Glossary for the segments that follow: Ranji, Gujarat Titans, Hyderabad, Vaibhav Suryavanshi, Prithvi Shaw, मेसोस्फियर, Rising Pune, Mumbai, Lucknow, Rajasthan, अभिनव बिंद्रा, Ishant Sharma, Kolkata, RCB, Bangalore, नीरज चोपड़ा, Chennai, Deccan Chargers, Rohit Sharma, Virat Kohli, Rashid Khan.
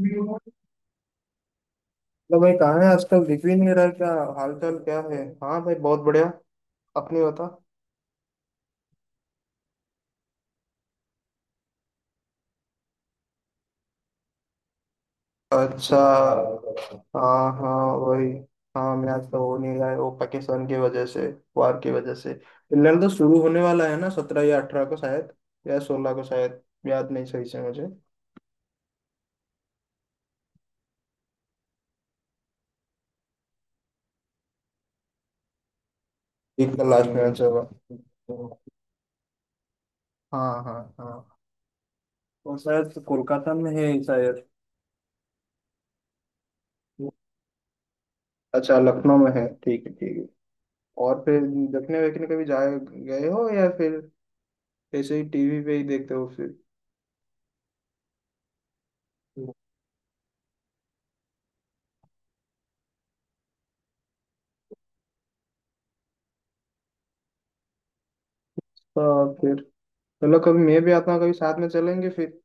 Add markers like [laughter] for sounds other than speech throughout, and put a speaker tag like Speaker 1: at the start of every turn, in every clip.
Speaker 1: मतलब, भाई कहाँ है आजकल? दिख भी नहीं रहा है, क्या? हाल चाल क्या है? हाँ भाई, बहुत बढ़िया। अपनी बता। अच्छा। हाँ हाँ, वही। हाँ, मैं आज तो हो नहीं रहा है वो पाकिस्तान की वजह से, वार की वजह से। लड़ तो शुरू होने वाला है ना? 17 या 18 को शायद, या 16 को शायद। याद नहीं सही से मुझे। एक का लास्ट मैच होगा। हाँ हाँ हाँ, वो शायद तो कोलकाता में है शायद। अच्छा, लखनऊ में है। ठीक है ठीक है। और फिर देखने वेखने कभी जाए गए हो, या फिर ऐसे ही टीवी पे ही देखते हो फिर? तो फिर चलो, कभी मैं भी आता हूँ, कभी साथ में चलेंगे फिर।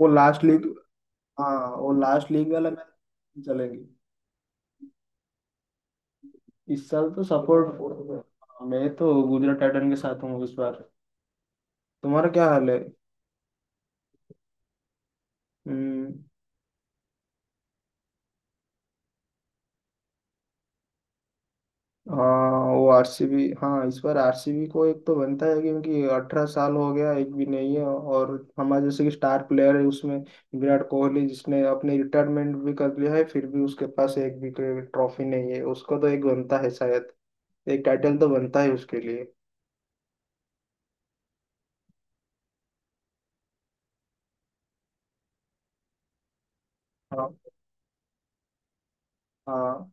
Speaker 1: वो लास्ट लीग। हाँ, वो लास्ट लीग वाला मैच चलेंगे। इस साल तो सपोर्ट। मैं तो गुजरात टाइटन के साथ हूँ इस बार। तुम्हारा क्या हाल है? हम्म। हाँ, वो आरसीबी। हाँ, इस बार आरसीबी को एक तो बनता है क्योंकि 18 साल हो गया, एक भी नहीं है। और हमारे जैसे कि स्टार प्लेयर है उसमें, विराट कोहली, जिसने अपने रिटायरमेंट भी कर लिया है, फिर भी उसके पास एक भी ट्रॉफी नहीं है। उसको तो एक बनता है शायद। एक टाइटल तो बनता है उसके लिए। हाँ हाँ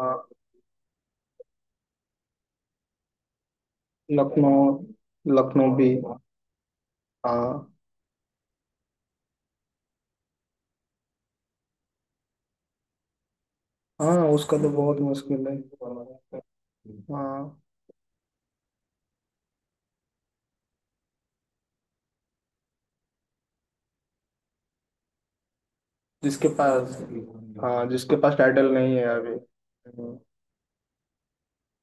Speaker 1: हाँ। लखनऊ। लखनऊ भी। हाँ। हाँ, उसका तो बहुत मुश्किल है। हाँ, जिसके पास। हाँ, जिसके पास टाइटल नहीं है अभी।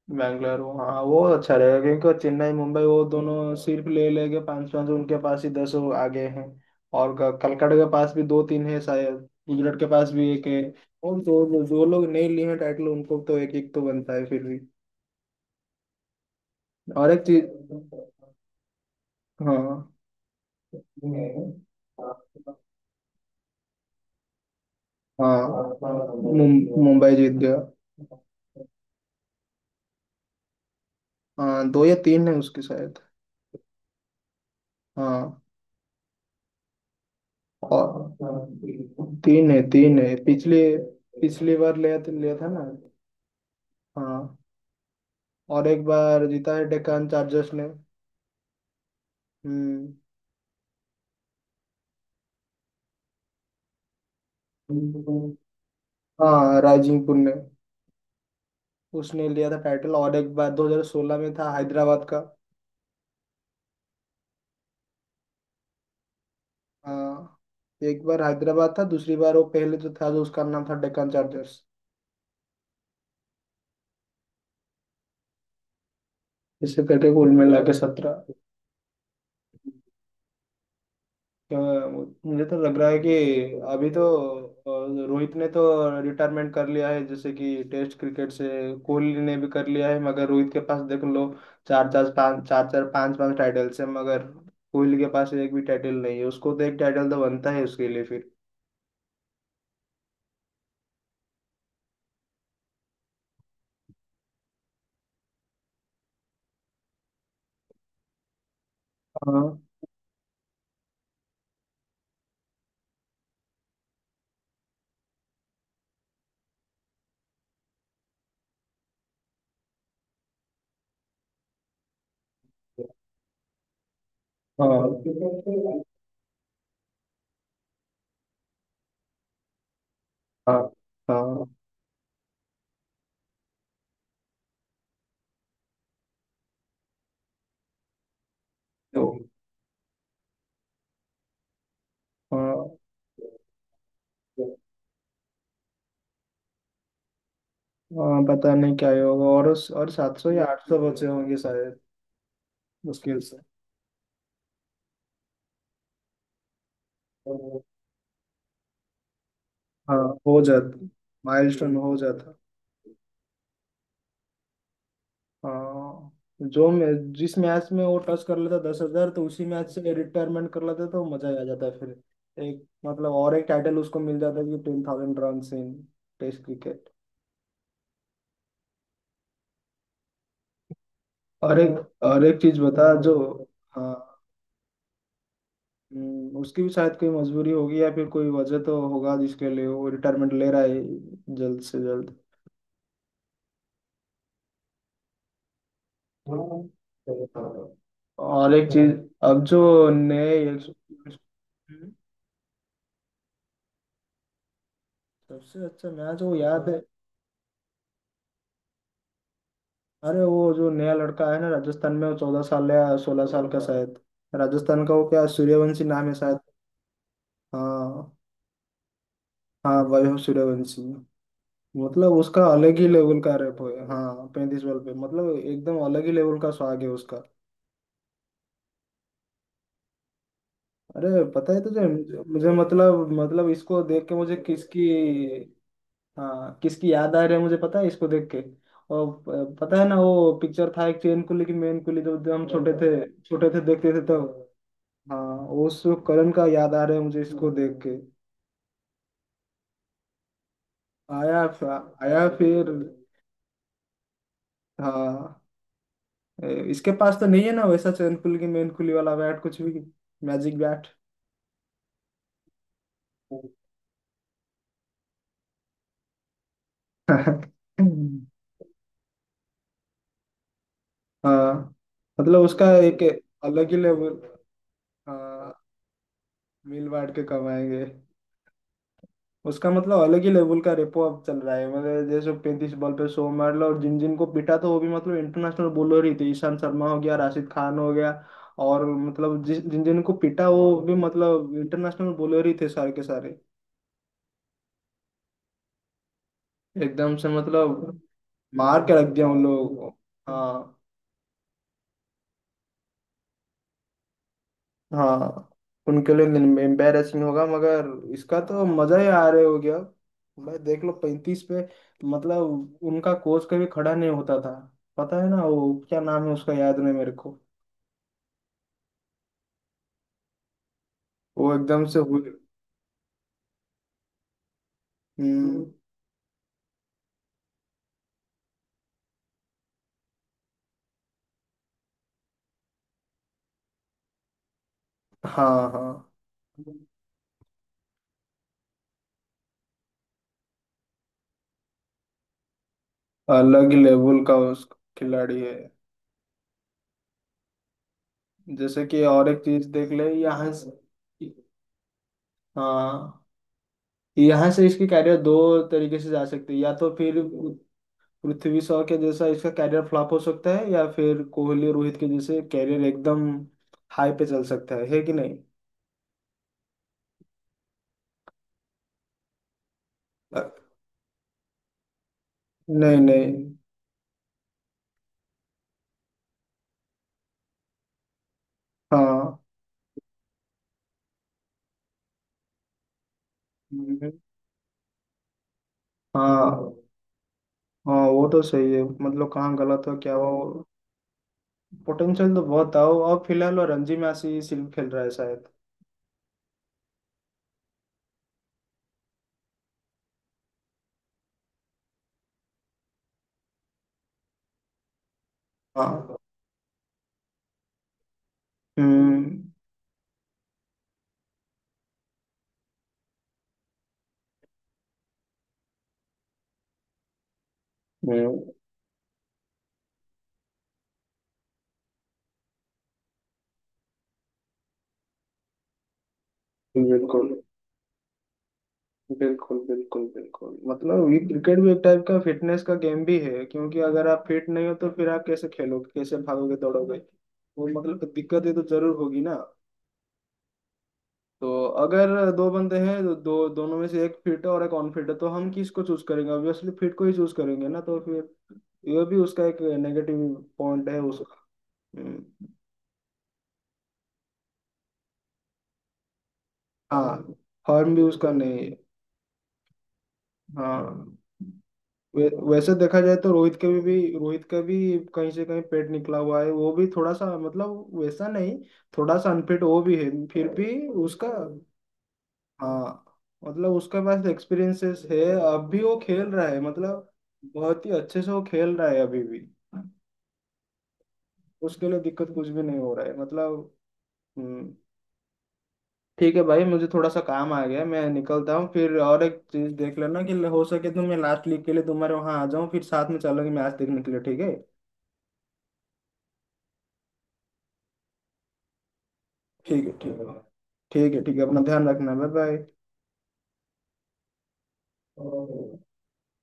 Speaker 1: बैंगलोर, हाँ वो अच्छा रहेगा क्योंकि वो चेन्नई, मुंबई, वो दोनों सिर्फ ले लेके पाँच पाँच, उनके पास ही 10, वो आगे हैं। और कलकत्ता के पास भी दो तीन है शायद। गुजरात के पास भी एक है। और जो जो जो लोग नहीं लिए हैं टाइटल उनको तो एक एक तो बनता है फिर भी। और एक चीज। हाँ। हाँ, मुंबई जीत गया। हाँ, दो या तीन है उसके शायद। हाँ, और तीन है पिछली पिछली बार लिया था ना। हाँ, और एक बार जीता है डेक्कन चार्जर्स ने। हम्म। हाँ, राइजिंग पुन ने उसने लिया था टाइटल। और एक बार 2016 में था हैदराबाद का। हाँ, एक बार हैदराबाद था, दूसरी बार वो पहले जो था, जो उसका नाम था, डेक्कन चार्जर्स। इससे पहले कुल मिला के 17। तो मुझे तो लग रहा है कि। अभी तो रोहित ने तो रिटायरमेंट कर लिया है जैसे कि टेस्ट क्रिकेट से। कोहली ने भी कर लिया है, मगर रोहित के पास देख लो, चार चार पाँच, चार चार पाँच पाँच टाइटल्स है। मगर कोहली के पास एक भी टाइटल नहीं है। उसको तो एक टाइटल तो बनता है उसके लिए फिर। हाँ हाँ हाँ हाँ, तो हाँ। हाँ, पता नहीं क्या ही होगा। और उस और 700 या 800 बचे होंगे शायद। मुश्किल से। हाँ, हो जाता। माइलस्टोन हो जाता। हाँ, जो मैं, जिस मैच में वो टच कर लेता 10,000 तो उसी मैच से रिटायरमेंट कर लेता तो मजा ही आ जाता फिर। एक मतलब और एक टाइटल उसको मिल जाता कि 10,000 रन इन टेस्ट क्रिकेट। और एक चीज बता जो। हाँ। उसकी भी शायद कोई मजबूरी होगी या फिर कोई वजह तो होगा जिसके लिए वो रिटायरमेंट ले रहा है जल्द से जल्द। और एक चीज। अब जो नए। सबसे अच्छा मैच तो वो याद है। अरे, वो जो नया लड़का है ना राजस्थान में, वो 14 साल या 16 साल का शायद। राजस्थान का वो क्या सूर्यवंशी नाम है शायद। हाँ। हाँ, वैभव सूर्यवंशी। मतलब उसका अलग ही लेवल का रैप है। हाँ 35 बॉल पे, मतलब एकदम अलग ही लेवल का स्वाग है उसका। अरे। पता है तुझे, मुझे मुझे मतलब इसको देख के मुझे किसकी। हाँ, किसकी याद आ रही है मुझे पता है इसको देख के। और पता है ना वो पिक्चर था एक चेन कुली की मेन कुली, जब जब हम छोटे थे देखते थे तब। हाँ। उस करण का याद आ रहा है मुझे इसको देख के। आया। आया फिर। हाँ। ए, इसके पास तो नहीं है ना वैसा चैनकुल की मेनकुली वाला बैट, कुछ भी मैजिक बैट। [laughs] हाँ, मतलब उसका एक अलग ही लेवल। हाँ, मिल बांट के कमाएंगे। उसका मतलब अलग ही लेवल का रेपो अब चल रहा है। मतलब जैसे 35 बॉल पे 100 मार लो, और जिन जिन को पिटा तो वो भी मतलब इंटरनेशनल बॉलर ही थे, ईशांत शर्मा हो गया, राशिद खान हो गया। और मतलब जिस जिन जिन को पिटा वो भी मतलब इंटरनेशनल बॉलर ही थे सारे के सारे, एकदम से मतलब मार के रख दिया उन लोगों को। हाँ। हाँ, उनके लिए एम्बेरसिंग होगा मगर इसका तो मजा ही आ रहे हो गया। भाई देख लो 35 पे, मतलब उनका कोच कभी खड़ा नहीं होता था। पता है ना वो क्या नाम है उसका, याद नहीं मेरे को। वो एकदम से हुई। हम्म। हाँ हाँ, अलग ही लेवल का उस खिलाड़ी है। जैसे कि और एक चीज देख ले यहाँ से। हाँ, यहाँ से इसकी कैरियर दो तरीके से जा सकती है, या तो फिर पृथ्वी शॉ के जैसा इसका कैरियर फ्लॉप हो सकता है, या फिर कोहली रोहित के जैसे कैरियर एकदम हाई पे चल सकता है। है कि नहीं? अ, नहीं नहीं। हाँ। हम्म। हाँ हाँ, वो तो सही है। मतलब कहाँ गलत हो क्या हो। पोटेंशियल तो बहुत था वो, और फिलहाल वो रणजी मैच ही सिर्फ खेल रहा है शायद। हाँ। हम्म। हम्म, बिल्कुल। बिल्कुल बिल्कुल बिल्कुल, मतलब ये क्रिकेट भी एक टाइप का फिटनेस का गेम भी है, क्योंकि अगर आप फिट नहीं हो तो फिर आप कैसे खेलोगे, कैसे भागोगे दौड़ोगे। वो मतलब दिक्कत है तो जरूर होगी ना। तो अगर दो बंदे हैं तो दो दोनों में से एक फिट है और एक अनफिट है, तो हम किसको चूज करेंगे? ऑब्वियसली फिट को ही चूज करेंगे ना। तो फिर ये भी उसका एक नेगेटिव पॉइंट है उसका। हम्म। हाँ। फॉर्म भी उसका नहीं है। हाँ। वैसे देखा जाए तो रोहित के भी रोहित का भी कहीं से कहीं पेट निकला हुआ है, वो भी थोड़ा सा मतलब वैसा नहीं, थोड़ा सा अनफिट वो भी है फिर भी उसका। हाँ, मतलब उसके पास एक्सपीरियंसेस है। अब भी वो खेल रहा है, मतलब बहुत ही अच्छे से वो खेल रहा है अभी भी। उसके लिए दिक्कत कुछ भी नहीं हो रहा है मतलब। हम्म। ठीक है भाई, मुझे थोड़ा सा काम आ गया, मैं निकलता हूँ फिर। और एक चीज देख लेना कि हो सके तो मैं लास्ट लीग के लिए तुम्हारे वहाँ आ जाऊँ, फिर साथ में चलेंगे मैच देखने के लिए। ठीक है? ठीक है ठीक है। ठीक है ठीक है, अपना ध्यान रखना। Bye bye. ओके।